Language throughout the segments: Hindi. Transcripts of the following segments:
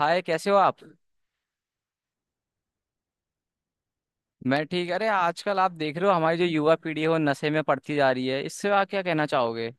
हाय, कैसे हो आप। मैं ठीक। अरे आजकल आप देख रहे हो हमारी जो युवा पीढ़ी है वो नशे में पड़ती जा रही है, इससे आप क्या कहना चाहोगे।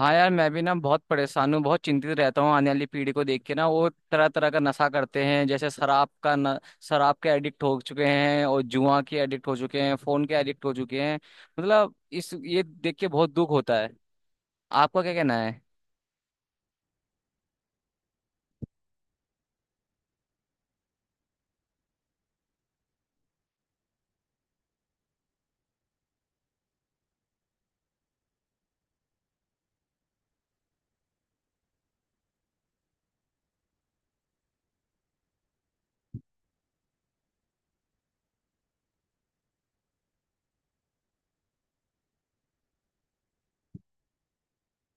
हाँ यार, मैं भी ना बहुत परेशान हूँ, बहुत चिंतित रहता हूँ आने वाली पीढ़ी को देख के ना। वो तरह तरह का नशा करते हैं, जैसे शराब का न, शराब के एडिक्ट हो चुके हैं, और जुआ के एडिक्ट हो चुके हैं, फोन के एडिक्ट हो चुके हैं। मतलब इस ये देख के बहुत दुख होता है। आपका क्या कहना है।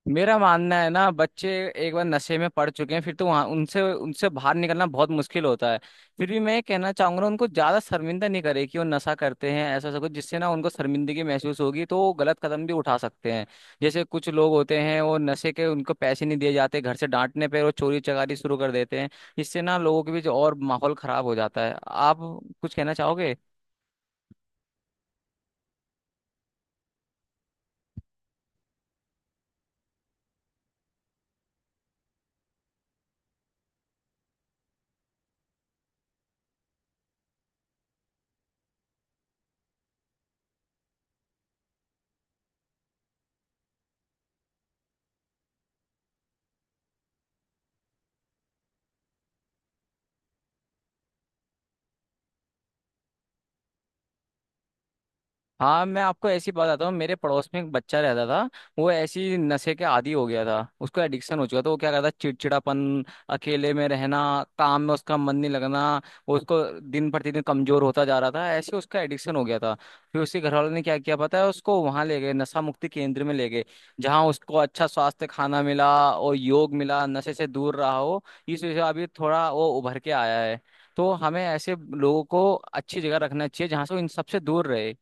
मेरा मानना है ना, बच्चे एक बार नशे में पड़ चुके हैं फिर तो वहां उनसे उनसे बाहर निकलना बहुत मुश्किल होता है। फिर भी मैं ये कहना चाहूंगा, उनको ज्यादा शर्मिंदा नहीं करे कि वो नशा करते हैं। ऐसा ऐसा कुछ जिससे ना उनको शर्मिंदगी महसूस होगी तो वो गलत कदम भी उठा सकते हैं। जैसे कुछ लोग होते हैं वो नशे के, उनको पैसे नहीं दिए जाते घर से, डांटने पर वो चोरी चकारी शुरू कर देते हैं। इससे ना लोगों के बीच और माहौल खराब हो जाता है। आप कुछ कहना चाहोगे। हाँ, मैं आपको ऐसी बताता हूँ, मेरे पड़ोस में एक बच्चा रहता था। वो ऐसी नशे के आदी हो गया था, उसको एडिक्शन हो चुका था। वो क्या करता, चिड़चिड़ापन, अकेले में रहना, काम में उसका मन नहीं लगना, वो उसको दिन प्रतिदिन कमजोर होता जा रहा था, ऐसे उसका एडिक्शन हो गया था। फिर उसके घर वालों ने क्या किया पता है, उसको वहां ले गए, नशा मुक्ति केंद्र में ले गए। जहाँ उसको अच्छा स्वास्थ्य, खाना मिला और योग मिला, नशे से दूर रहा हो। इस वजह से अभी थोड़ा वो उभर के आया है। तो हमें ऐसे लोगों को अच्छी जगह रखना चाहिए जहाँ से वो इन सबसे दूर रहे।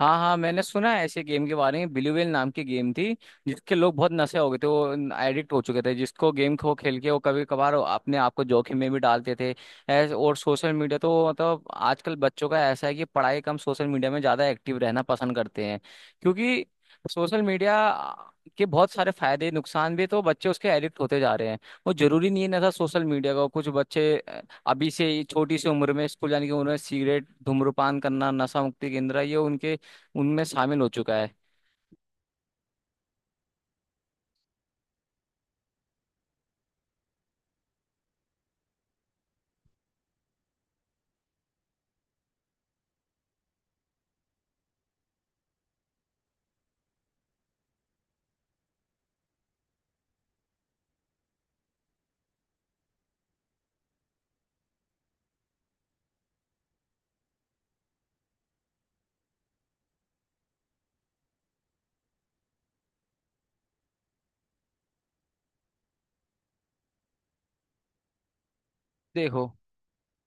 हाँ हाँ, मैंने सुना है ऐसे गेम के बारे में, ब्लू व्हेल नाम की गेम थी। जिसके लोग बहुत नशे हो गए थे, वो एडिक्ट हो चुके थे, जिसको गेम को खेल के वो कभी कभार अपने आप को जोखिम में भी डालते थे ऐसे। और सोशल मीडिया तो मतलब आजकल बच्चों का ऐसा है कि पढ़ाई कम, सोशल मीडिया में ज़्यादा एक्टिव रहना पसंद करते हैं। क्योंकि सोशल मीडिया के बहुत सारे फायदे, नुकसान भी, तो बच्चे उसके एडिक्ट होते जा रहे हैं। वो जरूरी नहीं है ना था सोशल मीडिया का। कुछ बच्चे अभी से ही छोटी सी उम्र में, स्कूल जाने की उम्र में सिगरेट, धूम्रपान करना, नशा मुक्ति केंद्र, ये उनके, उनमें शामिल हो चुका है। देखो,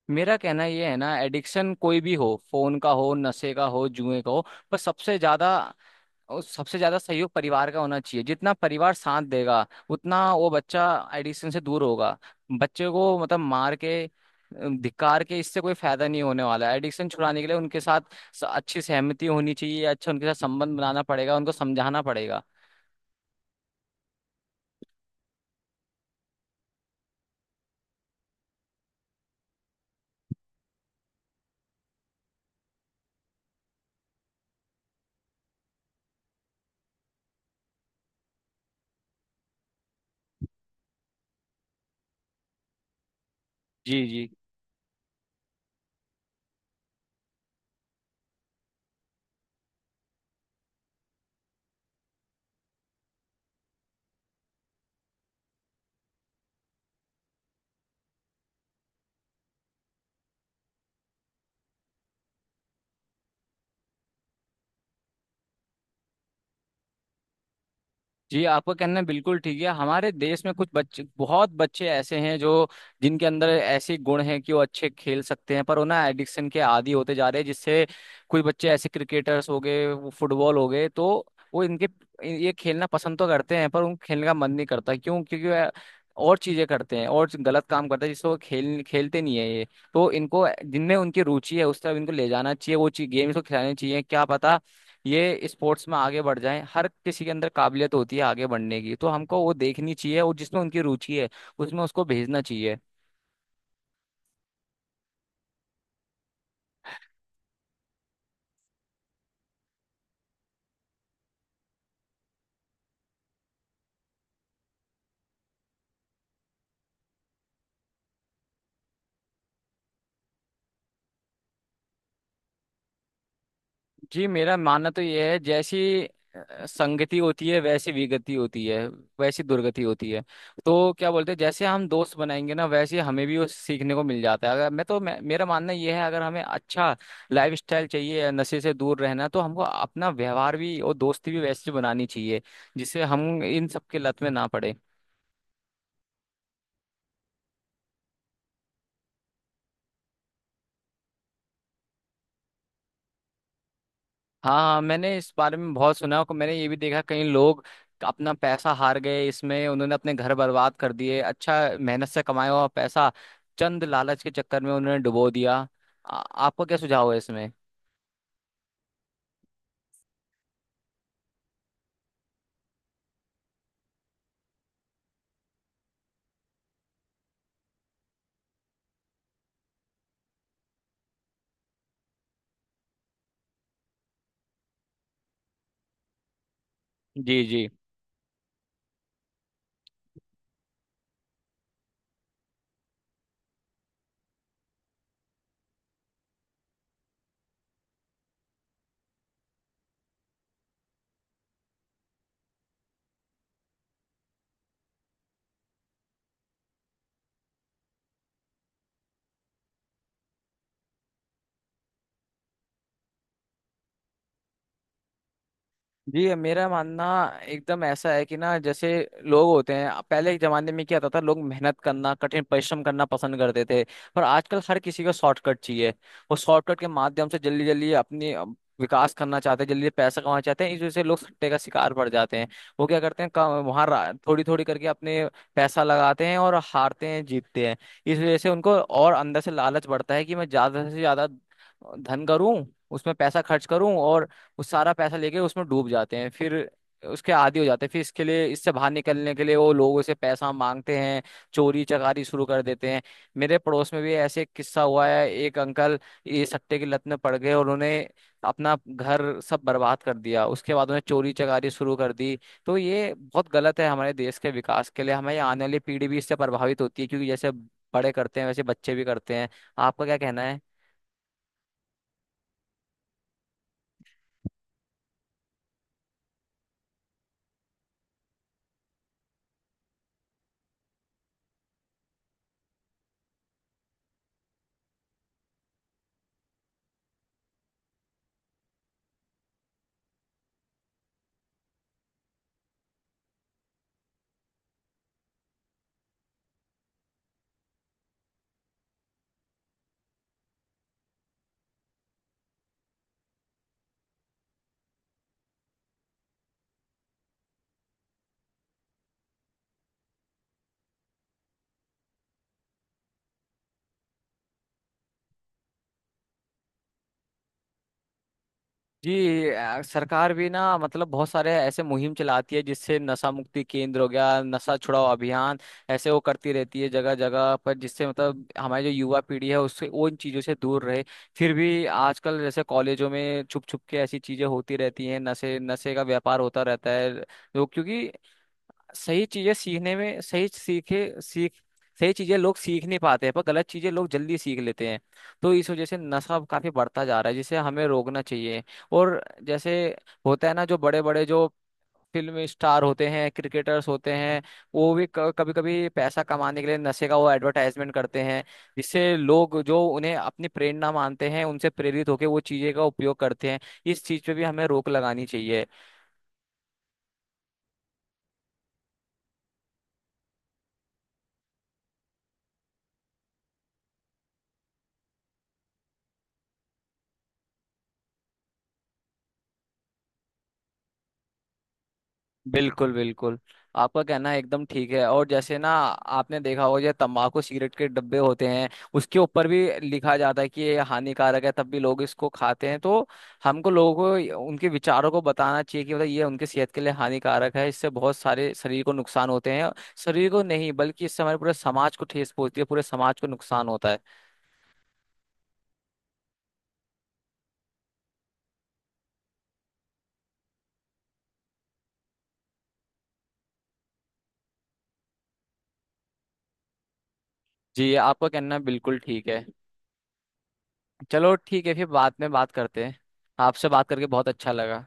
मेरा कहना ये है ना, एडिक्शन कोई भी हो, फोन का हो, नशे का हो, जुए का हो, पर सबसे ज्यादा सहयोग परिवार का होना चाहिए। जितना परिवार साथ देगा उतना वो बच्चा एडिक्शन से दूर होगा। बच्चे को मतलब मार के, धिक्कार के इससे कोई फायदा नहीं होने वाला है। एडिक्शन छुड़ाने के लिए उनके साथ अच्छी सहमति होनी चाहिए, अच्छा उनके साथ संबंध बनाना पड़ेगा, उनको समझाना पड़ेगा। जी जी। जी, आपका कहना बिल्कुल ठीक है। हमारे देश में कुछ बच्चे बहुत बच्चे ऐसे हैं जो, जिनके अंदर ऐसे गुण हैं कि वो अच्छे खेल सकते हैं, पर वो ना एडिक्शन के आदी होते जा रहे हैं। जिससे कुछ बच्चे ऐसे क्रिकेटर्स हो गए, वो फुटबॉल हो गए, तो वो इनके ये खेलना पसंद तो करते हैं पर उन खेलने का मन नहीं करता। क्यों, क्योंकि वह और चीजें करते हैं और गलत काम करते हैं जिससे वो खेल खेलते नहीं है ये। तो इनको जिनमें उनकी रुचि है उस तरफ इनको ले जाना चाहिए, वो चीज गेम्स को खिलानी चाहिए। क्या पता ये स्पोर्ट्स में आगे बढ़ जाएं। हर किसी के अंदर काबिलियत होती है आगे बढ़ने की, तो हमको वो देखनी चाहिए और जिसमें उनकी रुचि है उसमें उसको भेजना चाहिए। जी, मेरा मानना तो ये है, जैसी संगति होती है वैसी विगति होती है, वैसी दुर्गति होती है। तो क्या बोलते हैं, जैसे हम दोस्त बनाएंगे ना वैसे हमें भी वो सीखने को मिल जाता है। अगर मैं तो मैं, मेरा मानना ये है, अगर हमें अच्छा लाइफ स्टाइल चाहिए, नशे से दूर रहना, तो हमको अपना व्यवहार भी और दोस्ती भी वैसी बनानी चाहिए जिससे हम इन सब की लत में ना पड़े। हाँ हाँ, मैंने इस बारे में बहुत सुना है, और मैंने ये भी देखा कई लोग अपना पैसा हार गए इसमें, उन्होंने अपने घर बर्बाद कर दिए। अच्छा मेहनत से कमाया हुआ पैसा चंद लालच के चक्कर में उन्होंने डुबो दिया। आपको क्या सुझाव है इसमें। जी जी। जी, मेरा मानना एकदम ऐसा है कि ना, जैसे लोग होते हैं पहले के जमाने में क्या होता था, लोग मेहनत करना, कठिन परिश्रम करना पसंद करते थे। पर आजकल हर किसी को शॉर्टकट चाहिए, वो शॉर्टकट के माध्यम से जल्दी जल्दी अपनी विकास करना चाहते हैं, जल्दी पैसा कमाना चाहते हैं। इस वजह से लोग सट्टे का शिकार पड़ जाते हैं। वो क्या करते हैं वहां, थोड़ी थोड़ी करके अपने पैसा लगाते हैं, और हारते हैं जीतते हैं। इस वजह से उनको और अंदर से लालच बढ़ता है कि मैं ज्यादा से ज्यादा धन करूं, उसमें पैसा खर्च करूं, और वो सारा पैसा लेके उसमें डूब जाते हैं। फिर उसके आदी हो जाते हैं, फिर इसके लिए, इससे बाहर निकलने के लिए वो लोगों से पैसा मांगते हैं, चोरी चकारी शुरू कर देते हैं। मेरे पड़ोस में भी ऐसे एक किस्सा हुआ है, एक अंकल ये सट्टे की लत में पड़ गए और उन्होंने अपना घर सब बर्बाद कर दिया। उसके बाद उन्हें चोरी चकारी शुरू कर दी। तो ये बहुत गलत है हमारे देश के विकास के लिए। हमारी आने वाली पीढ़ी भी इससे प्रभावित होती है, क्योंकि जैसे बड़े करते हैं वैसे बच्चे भी करते हैं। आपका क्या कहना है। जी, सरकार भी ना मतलब बहुत सारे ऐसे मुहिम चलाती है, जिससे नशा मुक्ति केंद्र हो गया, नशा छुड़ाओ अभियान, ऐसे वो करती रहती है जगह जगह पर, जिससे मतलब हमारी जो युवा पीढ़ी है उससे उन चीजों से दूर रहे। फिर भी आजकल जैसे कॉलेजों में छुप छुप के ऐसी चीजें होती रहती हैं, नशे नशे का व्यापार होता रहता है। लोग क्योंकि सही चीजें सीखने में, सही चीजें लोग सीख नहीं पाते हैं, पर गलत चीजें लोग जल्दी सीख लेते हैं। तो इस वजह से नशा काफी बढ़ता जा रहा है, जिसे हमें रोकना चाहिए। और जैसे होता है ना, जो बड़े बड़े जो फिल्म स्टार होते हैं, क्रिकेटर्स होते हैं, वो भी कभी कभी पैसा कमाने के लिए नशे का वो एडवर्टाइजमेंट करते हैं। जिससे लोग जो उन्हें अपनी प्रेरणा मानते हैं उनसे प्रेरित होकर वो चीजें का उपयोग करते हैं। इस चीज पे भी हमें रोक लगानी चाहिए। बिल्कुल बिल्कुल, आपका कहना एकदम ठीक है। और जैसे ना आपने देखा होगा, जो तंबाकू सिगरेट के डब्बे होते हैं उसके ऊपर भी लिखा जाता है कि ये हानिकारक है, तब भी लोग इसको खाते हैं। तो हमको लोगों को, उनके विचारों को बताना चाहिए कि मतलब ये उनके सेहत के लिए हानिकारक है, इससे बहुत सारे शरीर को नुकसान होते हैं। शरीर को नहीं बल्कि इससे हमारे पूरे समाज को ठेस पहुंचती है, पूरे समाज को नुकसान होता है। जी, आपका कहना बिल्कुल ठीक है। चलो ठीक है, फिर बाद में बात करते हैं। आपसे बात करके बहुत अच्छा लगा।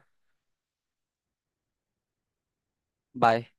बाय।